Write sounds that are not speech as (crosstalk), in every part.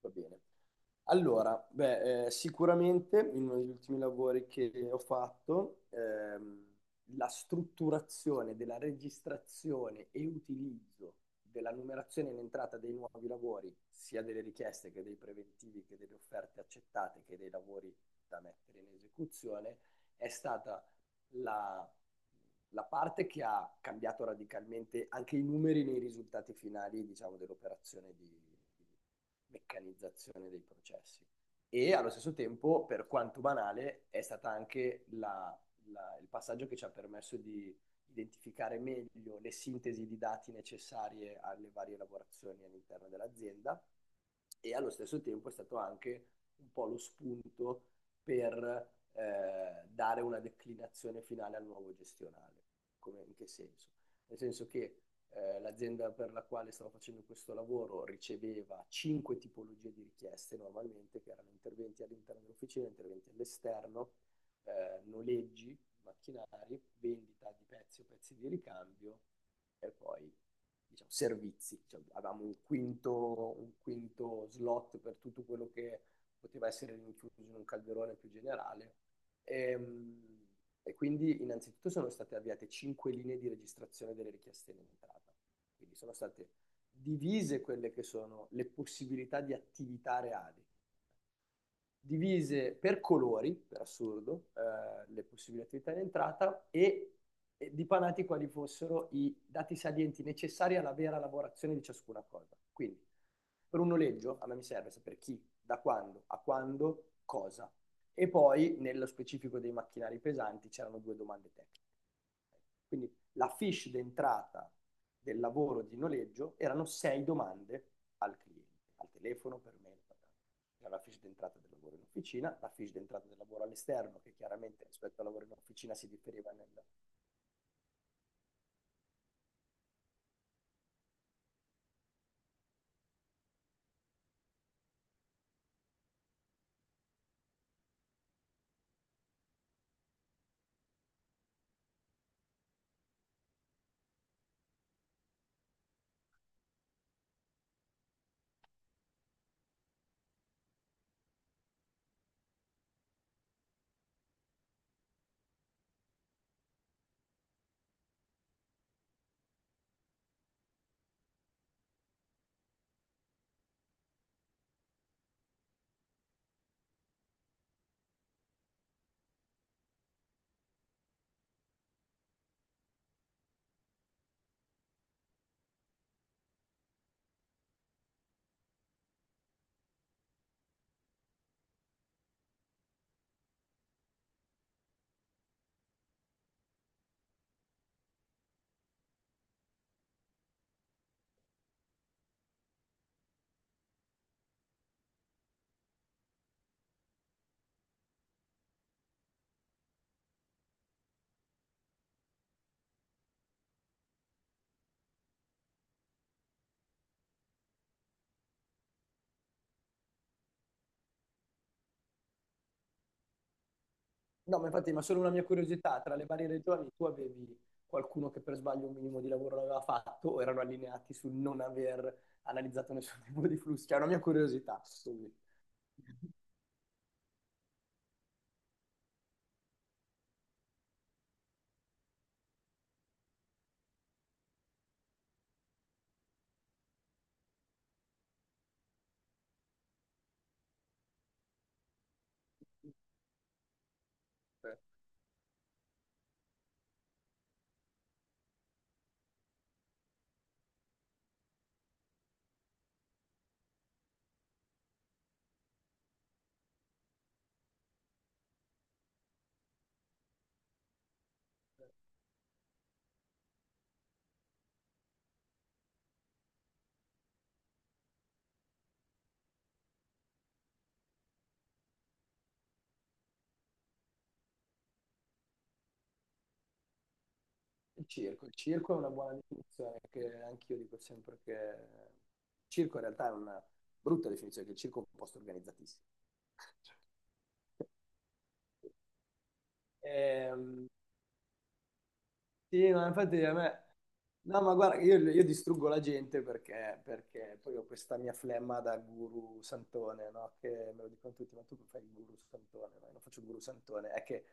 Va bene. Allora, beh, sicuramente in uno degli ultimi lavori che ho fatto, la strutturazione della registrazione e utilizzo della numerazione in entrata dei nuovi lavori, sia delle richieste che dei preventivi, che delle offerte accettate, che dei lavori da mettere in esecuzione, è stata la parte che ha cambiato radicalmente anche i numeri nei risultati finali, diciamo, dell'operazione di meccanizzazione dei processi. E allo stesso tempo, per quanto banale, è stata anche il passaggio che ci ha permesso di identificare meglio le sintesi di dati necessarie alle varie lavorazioni all'interno dell'azienda e allo stesso tempo è stato anche un po' lo spunto per dare una declinazione finale al nuovo gestionale. Come... in che senso? Nel senso che l'azienda per la quale stavo facendo questo lavoro riceveva 5 tipologie di richieste normalmente, che erano interventi all'interno dell'officina, interventi all'esterno, noleggi, macchinari, vendita di pezzi o pezzi di ricambio e poi, diciamo, servizi. Cioè, avevamo un quinto slot per tutto quello che poteva essere rinchiuso in un calderone più generale. Ehm, quindi innanzitutto sono state avviate 5 linee di registrazione delle richieste in entrata, quindi sono state divise quelle che sono le possibilità di attività reali, divise per colori, per assurdo, le possibili attività in entrata e dipanati quali fossero i dati salienti necessari alla vera lavorazione di ciascuna cosa. Quindi, per un noleggio, a me mi serve sapere chi, da quando, a quando, cosa. E poi, nello specifico dei macchinari pesanti, c'erano 2 domande tecniche. Quindi la fiche d'entrata del lavoro di noleggio erano 6 domande al cliente, al telefono, per me. La fiche d'entrata del lavoro in officina, la fiche d'entrata del lavoro all'esterno, che chiaramente rispetto al lavoro in officina si differiva nel... No, ma infatti, ma solo una mia curiosità, tra le varie regioni tu avevi qualcuno che per sbaglio un minimo di lavoro l'aveva fatto o erano allineati sul non aver analizzato nessun (laughs) tipo di flusso? Cioè, è una mia curiosità. Sì. Eh. Il circo è una buona definizione, che anch'io dico sempre che il circo in realtà è una brutta definizione, che il circo è un posto organizzatissimo. Ehm, sì, no, infatti a me... No, ma guarda, io distruggo la gente perché poi ho questa mia flemma da guru santone, no? Che me lo dicono tutti, ma tu fai il guru santone, no? Io non faccio il guru santone. È che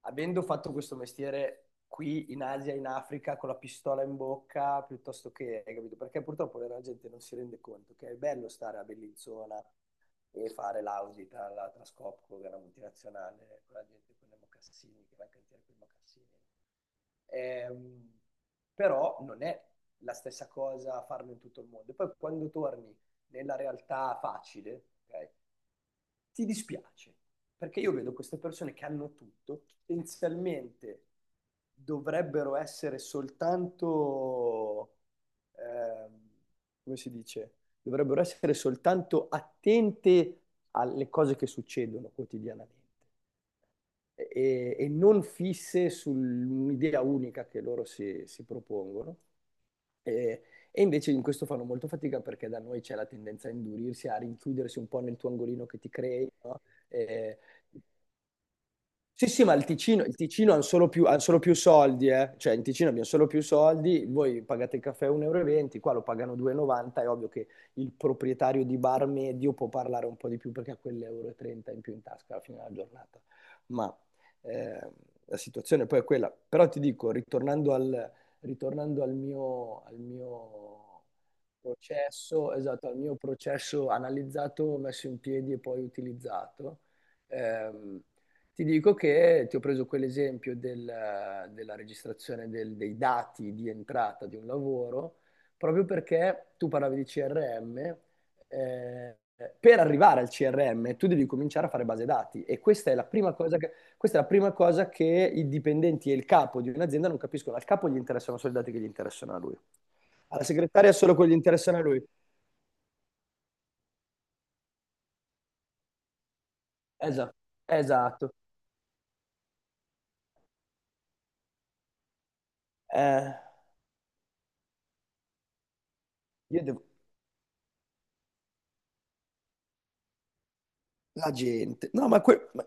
avendo fatto questo mestiere qui in Asia, in Africa, con la pistola in bocca, piuttosto che, hai capito? Perché purtroppo la gente non si rende conto che è bello stare a Bellinzona e fare l'audit alla Trascopco, che è una multinazionale, con la gente con i mocassini, che va in cantiere con i mocassini. Ehm, però non è la stessa cosa farlo in tutto il mondo. E poi quando torni nella realtà facile, ok, ti dispiace, perché io vedo queste persone che hanno tutto, potenzialmente dovrebbero essere soltanto, ehm, come si dice, dovrebbero essere soltanto attente alle cose che succedono quotidianamente e non fisse sull'idea unica che loro si propongono. E, e invece in questo fanno molto fatica perché da noi c'è la tendenza a indurirsi, a rinchiudersi un po' nel tuo angolino che ti crei, no? E sì, sì, ma il Ticino hanno solo più, han solo più soldi, eh. Cioè, in Ticino abbiamo solo più soldi, voi pagate il caffè 1,20 euro, e venti, qua lo pagano 2,90, è ovvio che il proprietario di bar medio può parlare un po' di più perché ha quell'1,30 euro in più in tasca alla fine della giornata. Ma eh, la situazione poi è quella. Però ti dico, ritornando al mio processo, esatto, al mio processo analizzato, messo in piedi e poi utilizzato, ehm, ti dico che ti ho preso quell'esempio della registrazione dei dati di entrata di un lavoro, proprio perché tu parlavi di CRM, eh, per arrivare al CRM tu devi cominciare a fare base dati e questa è la prima cosa che i dipendenti e il capo di un'azienda non capiscono. Al capo gli interessano solo i dati che gli interessano a lui, alla segretaria solo quelli che gli interessano a lui. Esatto, esatto. Eh, io devo... La gente, no, ma,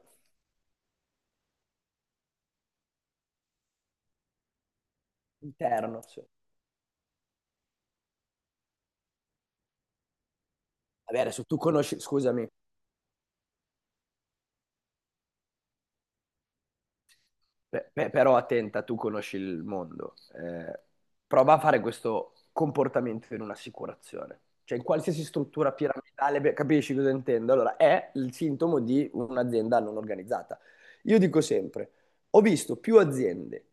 interno, sì. Vabbè, adesso tu conosci, scusami. Beh, però attenta, tu conosci il mondo. Prova a fare questo comportamento in un'assicurazione. Cioè, in qualsiasi struttura piramidale, beh, capisci cosa intendo? Allora, è il sintomo di un'azienda non organizzata. Io dico sempre, ho visto più aziende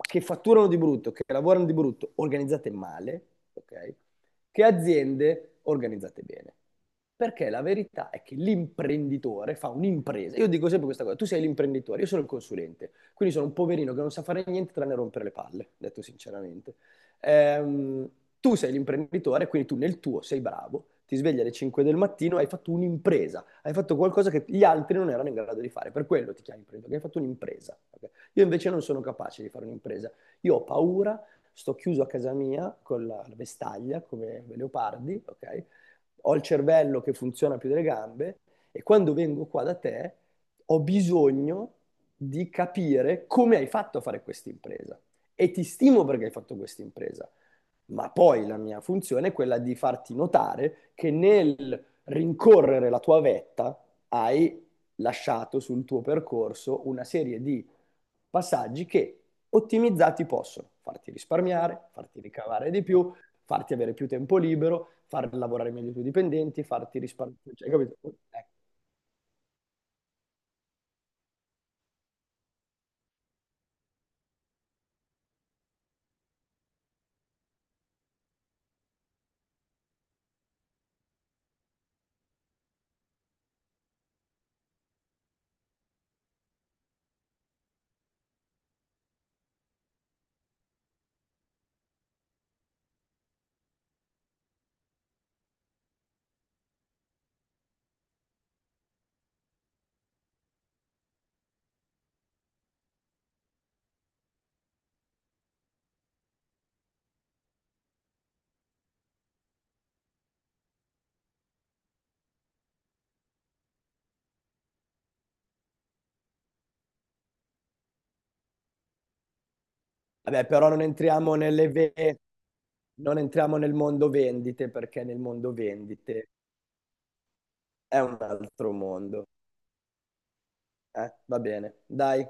che fatturano di brutto, che lavorano di brutto, organizzate male, ok? Che aziende organizzate bene. Perché la verità è che l'imprenditore fa un'impresa. Io dico sempre questa cosa, tu sei l'imprenditore, io sono il consulente. Quindi sono un poverino che non sa fare niente tranne rompere le palle, detto sinceramente. Ehm, tu sei l'imprenditore, quindi tu nel tuo sei bravo, ti svegli alle 5 del mattino, hai fatto un'impresa, hai fatto qualcosa che gli altri non erano in grado di fare, per quello ti chiami imprenditore, perché hai fatto un'impresa. Ok? Io invece non sono capace di fare un'impresa, io ho paura, sto chiuso a casa mia con la vestaglia come i leopardi, ok? Ho il cervello che funziona più delle gambe e quando vengo qua da te ho bisogno di capire come hai fatto a fare questa impresa e ti stimo perché hai fatto questa impresa, ma poi la mia funzione è quella di farti notare che nel rincorrere la tua vetta hai lasciato sul tuo percorso una serie di passaggi che ottimizzati possono farti risparmiare, farti ricavare di più, farti avere più tempo libero, far lavorare meglio i tuoi dipendenti, farti risparmiare, cioè, capito? Ecco. Vabbè, però non entriamo nel mondo vendite perché nel mondo vendite è un altro mondo. Va bene, dai.